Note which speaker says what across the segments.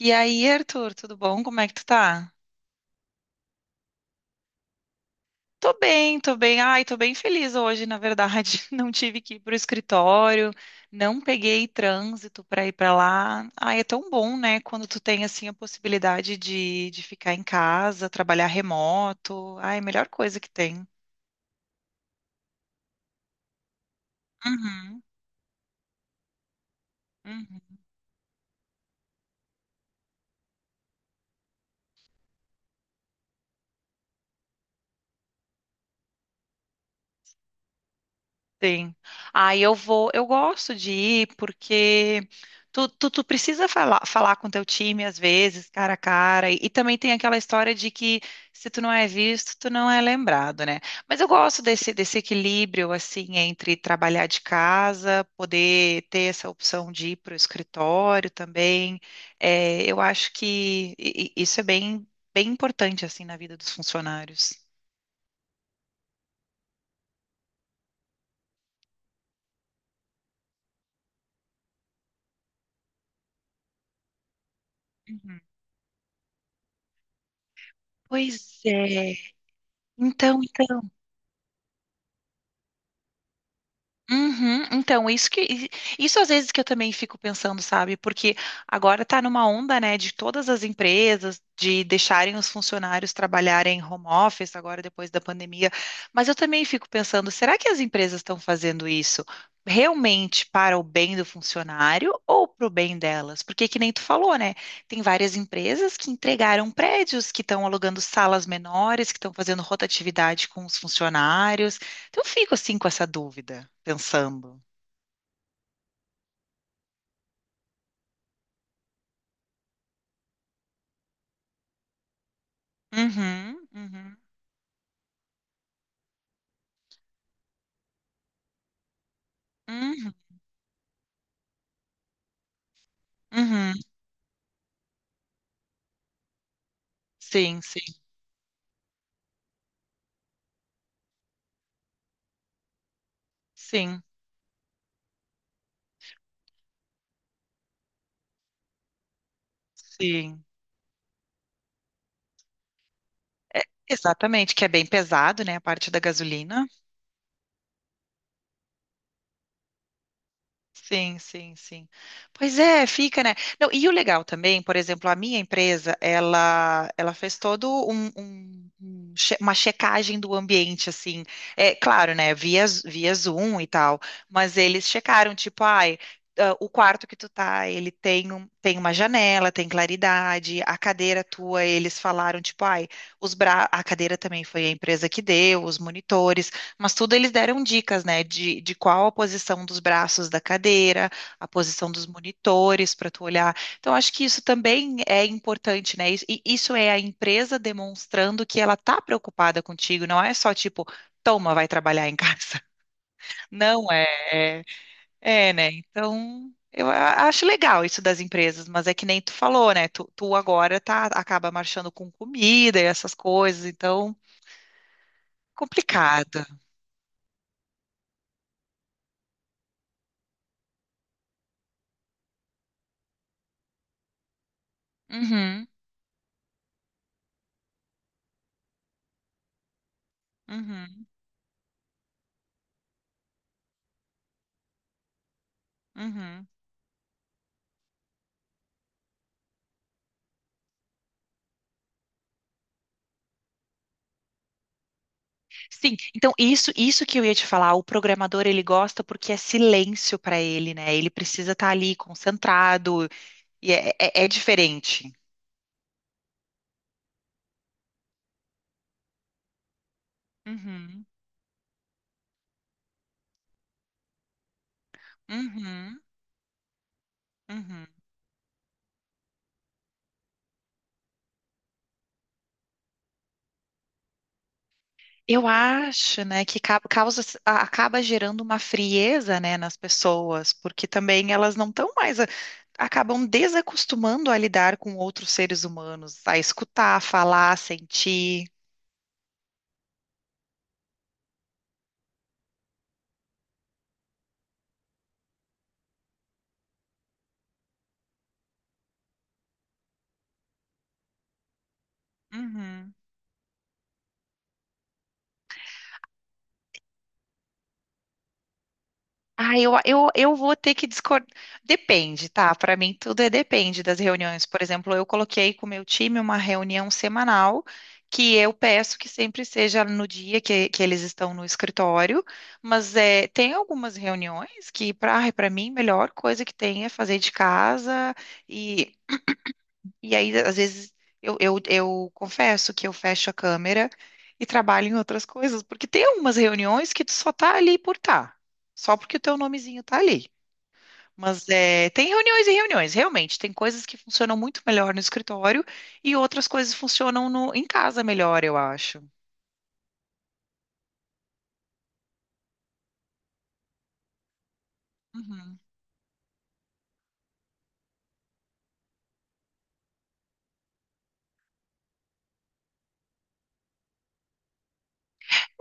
Speaker 1: E aí, Arthur, tudo bom? Como é que tu tá? Tô bem, tô bem. Ai, tô bem feliz hoje, na verdade. Não tive que ir pro escritório, não peguei trânsito pra ir pra lá. Ai, é tão bom, né? Quando tu tem, assim, a possibilidade de ficar em casa, trabalhar remoto. Ai, melhor coisa que tem. Uhum, uhum. Sim. Aí eu vou, eu gosto de ir porque tu precisa falar, falar com teu time às vezes, cara a cara, e também tem aquela história de que se tu não é visto, tu não é lembrado, né? Mas eu gosto desse equilíbrio, assim, entre trabalhar de casa, poder ter essa opção de ir para o escritório também. É, eu acho que isso é bem, bem importante, assim, na vida dos funcionários. Uhum. Pois é. Então, então. Uhum, então, isso às vezes que eu também fico pensando, sabe? Porque agora tá numa onda, né, de todas as empresas de deixarem os funcionários trabalharem home office agora depois da pandemia, mas eu também fico pensando, será que as empresas estão fazendo isso realmente para o bem do funcionário ou para o bem delas? Porque que nem tu falou, né? Tem várias empresas que entregaram prédios, que estão alugando salas menores, que estão fazendo rotatividade com os funcionários. Então, eu fico assim com essa dúvida, pensando. Uhum, uhum, uhum, uhum. Sim, sim, sim, sim. É, exatamente, que é bem pesado, né? A parte da gasolina. Sim, sim, sim. Pois é, fica, né? Não, e o legal também, por exemplo, a minha empresa, ela fez todo uma checagem do ambiente, assim. É claro, né? Via, via Zoom e tal, mas eles checaram, tipo, ai, ah, o quarto que tu tá, ele tem, um, tem uma janela, tem claridade, a cadeira tua, eles falaram, tipo, ai, os bra... a cadeira também foi a empresa que deu, os monitores. Mas tudo eles deram dicas, né, de qual a posição dos braços da cadeira, a posição dos monitores para tu olhar. Então, acho que isso também é importante, né? Isso- E isso é a empresa demonstrando que ela tá preocupada contigo, não é só tipo, toma, vai trabalhar em casa. Não é, é, é, né? Então, eu acho legal isso das empresas, mas é que nem tu falou, né? Tu agora tá, acaba marchando com comida e essas coisas, então, complicado. Uhum, uhum, uhum. Sim, então isso que eu ia te falar, o programador ele gosta porque é silêncio para ele, né? Ele precisa estar ali concentrado e é, é diferente. Uhum, uhum, uhum. Eu acho, né, que causa, acaba gerando uma frieza, né, nas pessoas, porque também elas não estão mais, acabam desacostumando a lidar com outros seres humanos, a escutar, falar, sentir. Ah, eu vou ter que discordar. Depende, tá? Para mim, tudo é depende das reuniões. Por exemplo, eu coloquei com o meu time uma reunião semanal que eu peço que sempre seja no dia que eles estão no escritório, mas é, tem algumas reuniões que, para mim, a melhor coisa que tem é fazer de casa e e aí, às vezes, eu confesso que eu fecho a câmera e trabalho em outras coisas, porque tem algumas reuniões que tu só tá ali por tá, só porque o teu nomezinho tá ali. Mas é, tem reuniões e reuniões, realmente. Tem coisas que funcionam muito melhor no escritório e outras coisas funcionam no, em casa melhor, eu acho. Uhum.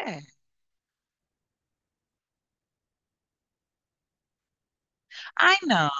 Speaker 1: É. Ai, não,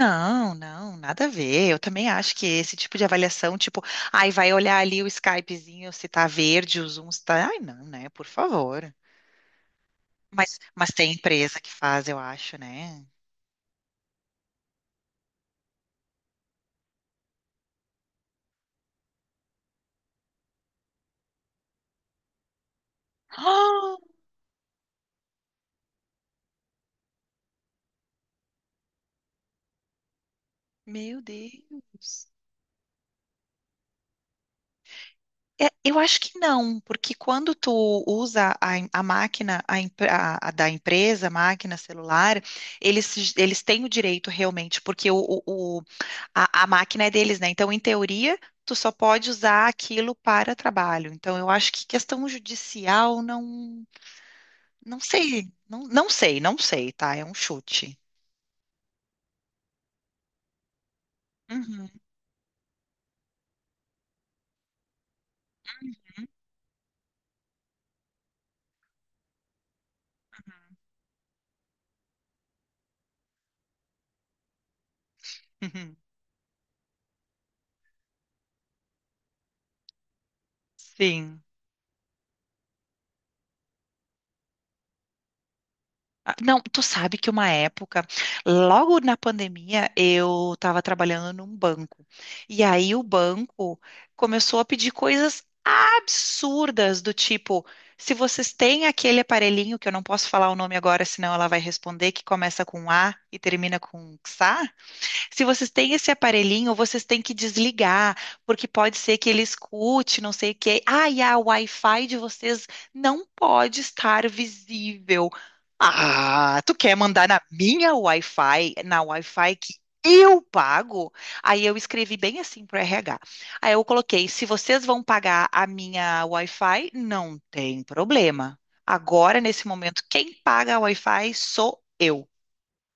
Speaker 1: não, não, nada a ver. Eu também acho que esse tipo de avaliação, tipo, ai, vai olhar ali o Skypezinho se tá verde, o Zoom se tá. Ai, não, né? Por favor. Mas tem empresa que faz, eu acho, né? Ah, meu Deus. É, eu acho que não, porque quando tu usa a, em- a máquina a, em- a da empresa, a máquina celular, eles têm o direito realmente, porque o- a máquina é deles, né? Então, em teoria, tu só pode usar aquilo para trabalho. Então, eu acho que questão judicial, não, não sei, não, não sei, não sei, tá? É um chute. Uhum. Uhum. Uhum. Sim. Ah, não, tu sabe que uma época, logo na pandemia, eu estava trabalhando num banco. E aí o banco começou a pedir coisas absurdas do tipo, se vocês têm aquele aparelhinho que eu não posso falar o nome agora, senão ela vai responder, que começa com A e termina com XA. Se vocês têm esse aparelhinho, vocês têm que desligar, porque pode ser que ele escute, não sei o quê. Ah, e a Wi-Fi de vocês não pode estar visível. Ah, tu quer mandar na minha Wi-Fi, na Wi-Fi que eu pago? Aí eu escrevi bem assim pro RH. Aí eu coloquei, se vocês vão pagar a minha Wi-Fi, não tem problema. Agora, nesse momento, quem paga a Wi-Fi sou eu.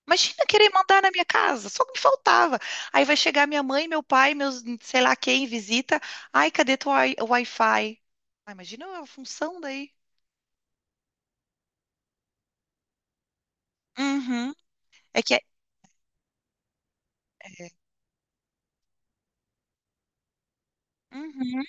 Speaker 1: Imagina querer mandar na minha casa, só me faltava. Aí vai chegar minha mãe, meu pai, meus, sei lá quem, visita. Ai, cadê teu Wi-Fi? Ah, imagina a função daí. Uhum. É que é. Uhum,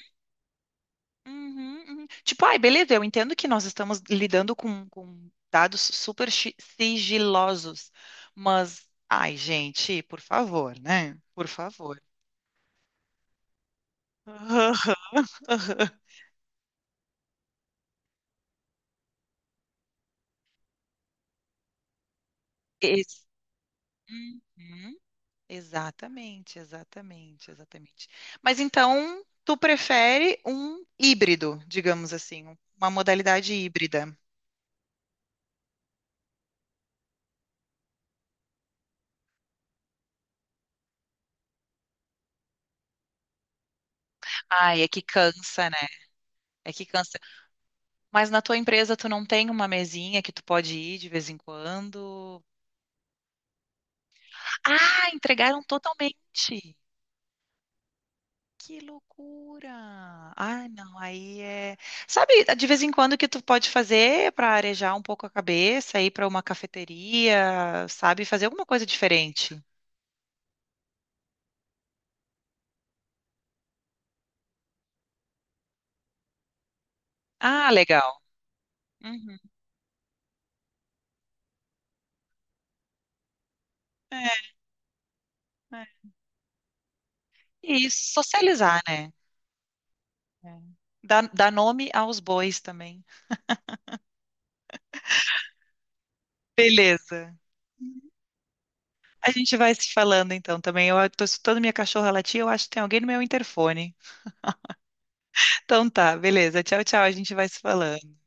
Speaker 1: uhum, uhum. Tipo, ai, beleza, eu entendo que nós estamos lidando com dados sigilosos, mas, ai, gente, por favor, né? Por favor. Aham, aham. Esse. Uhum. Exatamente, exatamente, exatamente. Mas então, tu prefere um híbrido, digamos assim, um, uma modalidade híbrida. Ai, é que cansa, né? É que cansa. Mas na tua empresa tu não tem uma mesinha que tu pode ir de vez em quando? Ah, entregaram totalmente. Que loucura! Ah, não, aí é. Sabe, de vez em quando o que tu pode fazer para arejar um pouco a cabeça, ir para uma cafeteria, sabe, fazer alguma coisa diferente. Ah, legal. Uhum. É, é. E socializar, né? É. Dá, dá nome aos bois também. Beleza. A gente vai se falando então também. Eu tô escutando minha cachorra latir, eu acho que tem alguém no meu interfone. Então tá, beleza. Tchau, tchau. A gente vai se falando.